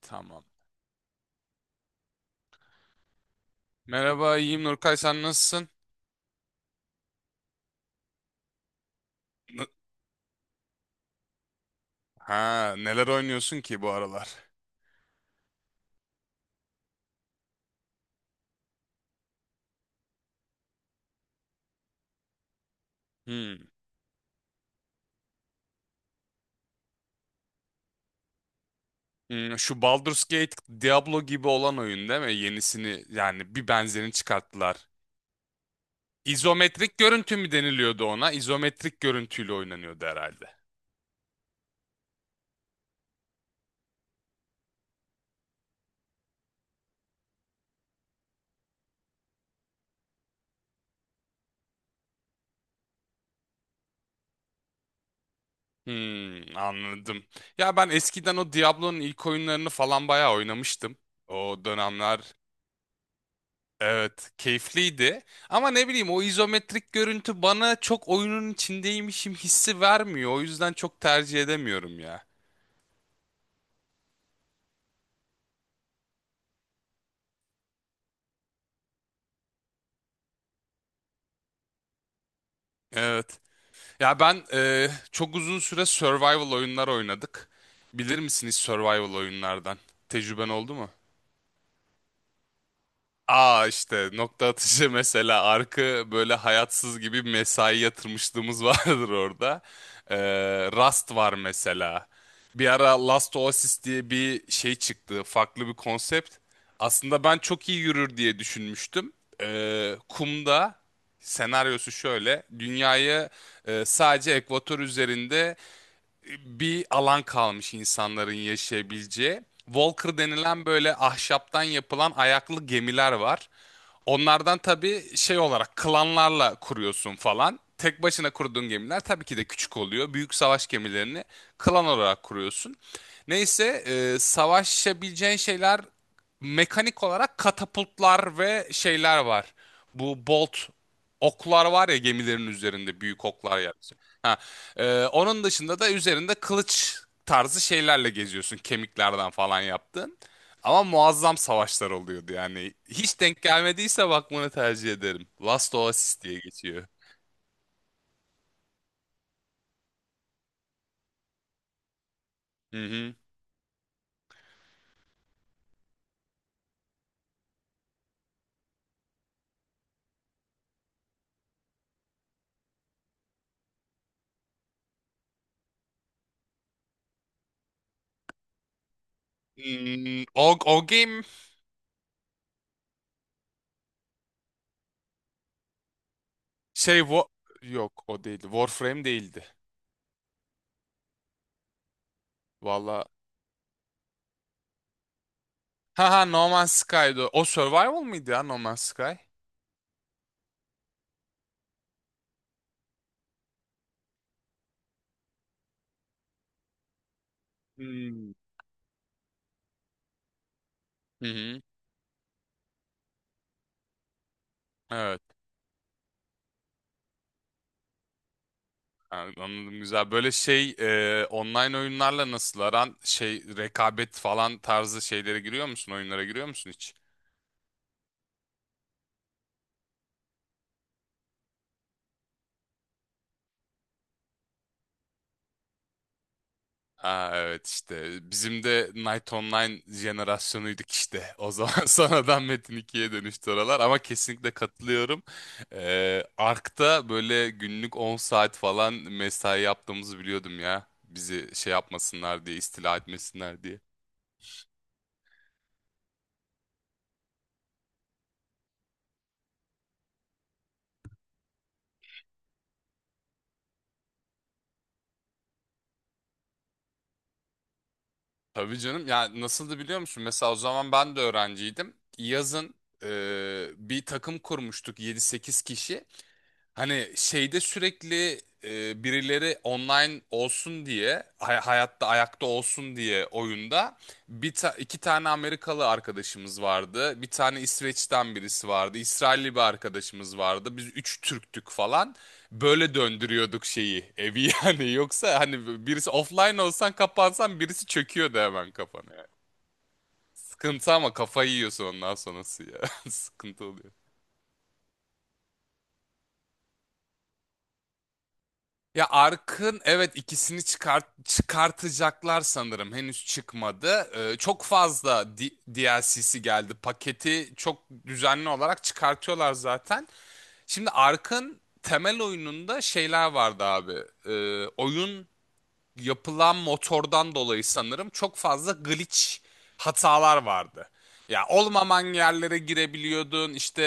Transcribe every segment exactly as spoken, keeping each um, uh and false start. Tamam. Merhaba, iyiyim Nurkay, sen nasılsın? N- Ha, neler oynuyorsun ki bu aralar? Hmm. Hmm, şu Baldur's Gate Diablo gibi olan oyun değil mi? Yenisini yani bir benzerini çıkarttılar. İzometrik görüntü mü deniliyordu ona? İzometrik görüntüyle oynanıyordu herhalde. Hmm, anladım. Ya ben eskiden o Diablo'nun ilk oyunlarını falan bayağı oynamıştım. O dönemler. Evet, keyifliydi. Ama ne bileyim o izometrik görüntü bana çok oyunun içindeymişim hissi vermiyor. O yüzden çok tercih edemiyorum ya. Evet. Ya ben e, çok uzun süre survival oyunlar oynadık. Bilir misiniz survival oyunlardan? Tecrüben oldu mu? Aa, işte nokta atışı mesela arkı böyle hayatsız gibi mesai yatırmışlığımız vardır orada. Ee, Rust var mesela. Bir ara Last Oasis diye bir şey çıktı. Farklı bir konsept. Aslında ben çok iyi yürür diye düşünmüştüm. Ee, kumda senaryosu şöyle. Dünyayı e, sadece ekvator üzerinde bir alan kalmış insanların yaşayabileceği. Walker denilen böyle ahşaptan yapılan ayaklı gemiler var. Onlardan tabii şey olarak klanlarla kuruyorsun falan. Tek başına kurduğun gemiler tabii ki de küçük oluyor. Büyük savaş gemilerini klan olarak kuruyorsun. Neyse, e, savaşabileceğin şeyler mekanik olarak katapultlar ve şeyler var. Bu bolt oklar var ya, gemilerin üzerinde büyük oklar yani. Ha, e, onun dışında da üzerinde kılıç tarzı şeylerle geziyorsun, kemiklerden falan yaptın. Ama muazzam savaşlar oluyordu yani. Hiç denk gelmediyse bakmanı tercih ederim. Last Oasis diye geçiyor. Hı hı. Hmm, o, o game şey wo- yok, o değildi. Warframe değildi. Valla. Ha ha, No Man's Sky'dı. O Survival mıydı ya, No Man's Sky? Hmm. Hı hı. Evet. Yani anladım, güzel. Böyle şey e, online oyunlarla nasıl aran, şey, rekabet falan tarzı şeylere giriyor musun? Oyunlara giriyor musun hiç? Aa, evet işte bizim de Night Online jenerasyonuydik işte o zaman sonradan Metin ikiye dönüştü oralar ama kesinlikle katılıyorum. Ee, Ark'ta böyle günlük on saat falan mesai yaptığımızı biliyordum ya, bizi şey yapmasınlar diye, istila etmesinler diye. Tabii canım, ya nasıldı biliyor musun, mesela o zaman ben de öğrenciydim. Yazın e, bir takım kurmuştuk, yedi sekiz kişi. Hani şeyde sürekli e, birileri online olsun diye, hay- hayatta ayakta olsun diye oyunda bir ta- iki tane Amerikalı arkadaşımız vardı. Bir tane İsveç'ten birisi vardı. İsrailli bir arkadaşımız vardı. Biz üç Türktük falan. Böyle döndürüyorduk şeyi, evi yani. Yoksa hani birisi offline olsan, kapansan, birisi çöküyordu hemen kafana. Sıkıntı, ama kafayı yiyorsun ondan sonrası ya. Sıkıntı oluyor. Ya Ark'ın, evet, ikisini çıkart çıkartacaklar sanırım. Henüz çıkmadı. Ee, çok fazla D- DLC'si geldi. Paketi çok düzenli olarak çıkartıyorlar zaten. Şimdi Ark'ın temel oyununda şeyler vardı abi. Ee, oyun yapılan motordan dolayı sanırım çok fazla glitch hatalar vardı. Ya olmaman yerlere girebiliyordun, işte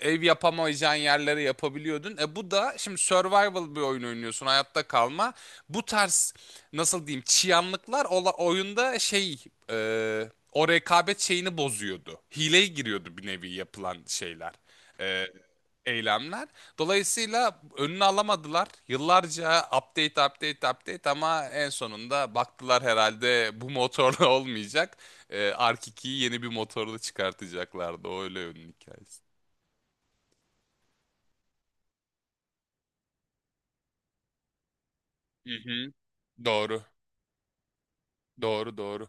e, ev yapamayacağın yerlere yapabiliyordun. E bu da, şimdi survival bir oyun oynuyorsun, hayatta kalma. Bu tarz nasıl diyeyim, çıyanlıklar ola- oyunda, şey, e, o rekabet şeyini bozuyordu. Hileye giriyordu bir nevi yapılan şeyler. E, eylemler. Dolayısıyla önünü alamadılar. Yıllarca update, update, update, ama en sonunda baktılar herhalde, bu motorla olmayacak. Ee, Ark ikiyi yeni bir motorla çıkartacaklardı. O öyle ünlü hikayesi. Hı hı. Doğru. Doğru doğru.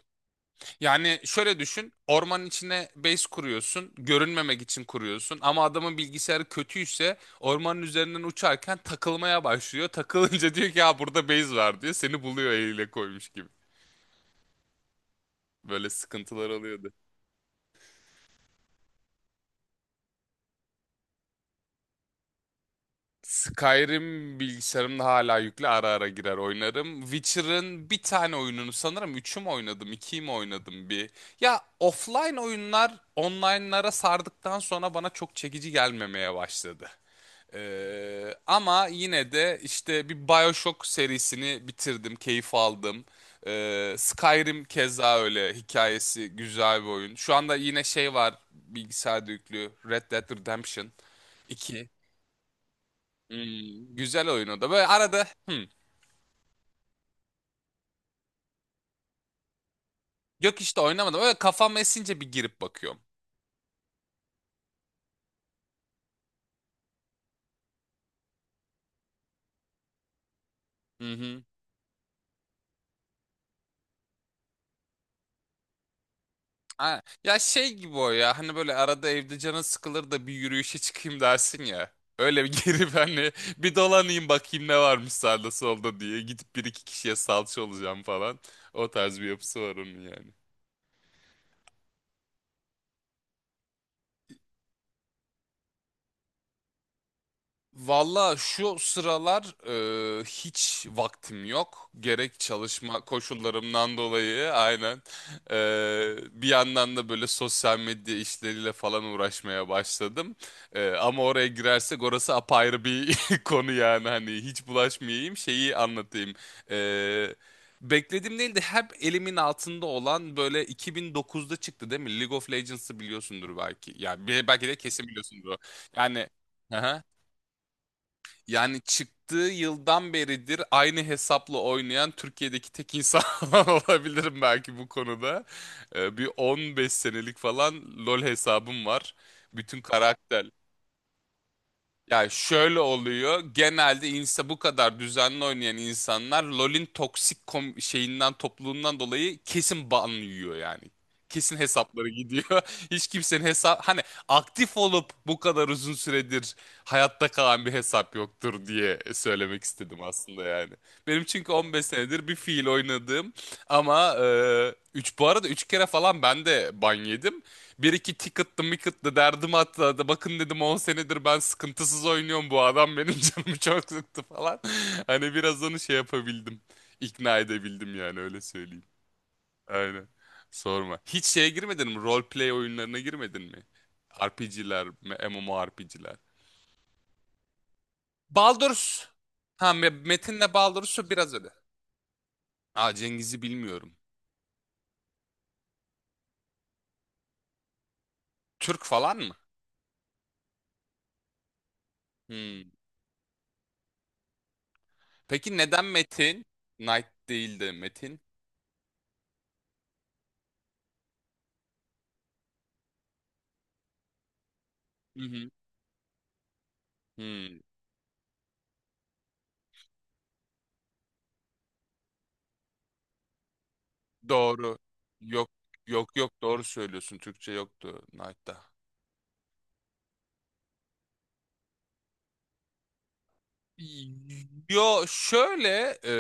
Yani şöyle düşün. Ormanın içine base kuruyorsun. Görünmemek için kuruyorsun. Ama adamın bilgisayarı kötüyse ormanın üzerinden uçarken takılmaya başlıyor. Takılınca diyor ki, ya burada base var diyor. Seni buluyor eliyle koymuş gibi. Böyle sıkıntılar oluyordu. Skyrim bilgisayarımda hala yüklü, ara ara girer oynarım. Witcher'ın bir tane oyununu sanırım, üçü mü oynadım, ikiyi mi oynadım, bir. Ya offline oyunlar online'lara sardıktan sonra bana çok çekici gelmemeye başladı. Ee, ama yine de işte bir BioShock serisini bitirdim, keyif aldım. Ee, Skyrim keza öyle, hikayesi güzel bir oyun. Şu anda yine şey var bilgisayarda yüklü, Red Dead Redemption iki. Hmm, güzel oyun o da. Böyle arada hmm, yok işte oynamadım. Böyle kafam esince bir girip bakıyorum. Hı hı. Ha, ya şey gibi o ya, hani böyle arada evde canın sıkılır da bir yürüyüşe çıkayım dersin ya. Öyle bir girip hani bir dolanayım, bakayım ne varmış sağda solda diye. Gidip bir iki kişiye salça olacağım falan. O tarz bir yapısı var onun yani. Valla şu sıralar e, hiç vaktim yok. Gerek çalışma koşullarımdan dolayı, aynen. E, bir yandan da böyle sosyal medya işleriyle falan uğraşmaya başladım. E, ama oraya girersek, orası apayrı bir konu yani. Hani hiç bulaşmayayım, şeyi anlatayım. E, beklediğim değil de hep elimin altında olan, böyle iki bin dokuzda çıktı değil mi, League of Legends'ı biliyorsundur belki. Yani belki de kesin biliyorsundur. Yani... Yani çıktığı yıldan beridir aynı hesapla oynayan Türkiye'deki tek insan olabilirim belki bu konuda. Ee, bir on beş senelik falan LoL hesabım var. Bütün karakter, ya şöyle oluyor. Genelde insa, bu kadar düzenli oynayan insanlar LoL'in toksik kom- şeyinden, topluluğundan dolayı kesin ban yiyor yani. Kesin hesapları gidiyor. Hiç kimsenin hesap, hani aktif olup bu kadar uzun süredir hayatta kalan bir hesap yoktur diye söylemek istedim aslında yani. Benim çünkü on beş senedir bir fiil oynadığım, ama e, üç, bu arada üç kere falan ben de ban yedim. Bir iki ticket'lı micket'lı derdim hatta da, bakın dedim on senedir ben sıkıntısız oynuyorum, bu adam benim canımı çok sıktı falan. Hani biraz onu şey yapabildim. İkna edebildim yani, öyle söyleyeyim. Aynen. Sorma. Hiç şeye girmedin mi? Roleplay oyunlarına girmedin mi? R P G'ler, M M O R P G'ler. Baldur's. Ha, Me- Metin'le Baldur'su biraz öyle. Aa, Cengiz'i bilmiyorum. Türk falan mı? Hmm. Peki neden Metin? Knight değil de Metin? Hı hı. Hmm. Doğru. Yok, yok, yok, doğru söylüyorsun. Türkçe yoktu Knight'ta. Yo şöyle e,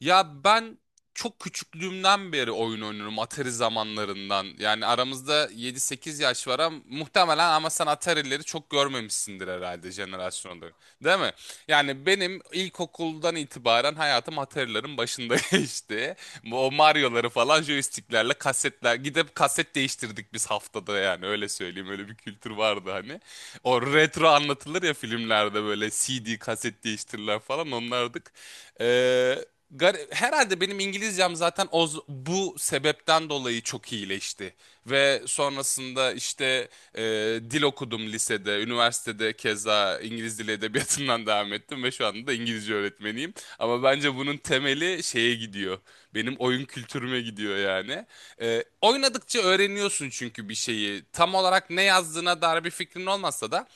ya ben çok küçüklüğümden beri oyun oynuyorum, Atari zamanlarından. Yani aramızda yedi sekiz yaş var ama muhtemelen, ama sen Atari'leri çok görmemişsindir herhalde jenerasyonda. Değil mi? Yani benim ilkokuldan itibaren hayatım Atari'lerin başında geçti. Bu- O Mario'ları falan joysticklerle, kasetler, gidip kaset değiştirdik biz haftada, yani öyle söyleyeyim, öyle bir kültür vardı hani. O retro anlatılır ya filmlerde, böyle C D, kaset değiştirirler falan, onlardık. Ee, gar- Herhalde benim İngilizcem zaten o, bu sebepten dolayı çok iyileşti. Ve sonrasında işte ee, dil okudum lisede, üniversitede keza İngiliz dili edebiyatından devam ettim ve şu anda da İngilizce öğretmeniyim. Ama bence bunun temeli şeye gidiyor. Benim oyun kültürüme gidiyor yani. Ee, oynadıkça öğreniyorsun çünkü bir şeyi. Tam olarak ne yazdığına dair bir fikrin olmasa da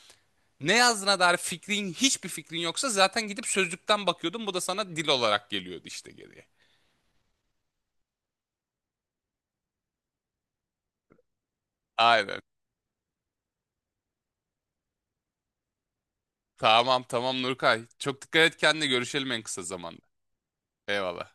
ne yazdığına dair fikrin hiçbir fikrin yoksa zaten gidip sözlükten bakıyordun. Bu da sana dil olarak geliyordu işte, geriye. Aynen. Tamam, tamam Nurkay. Çok dikkat et kendine, görüşelim en kısa zamanda. Eyvallah.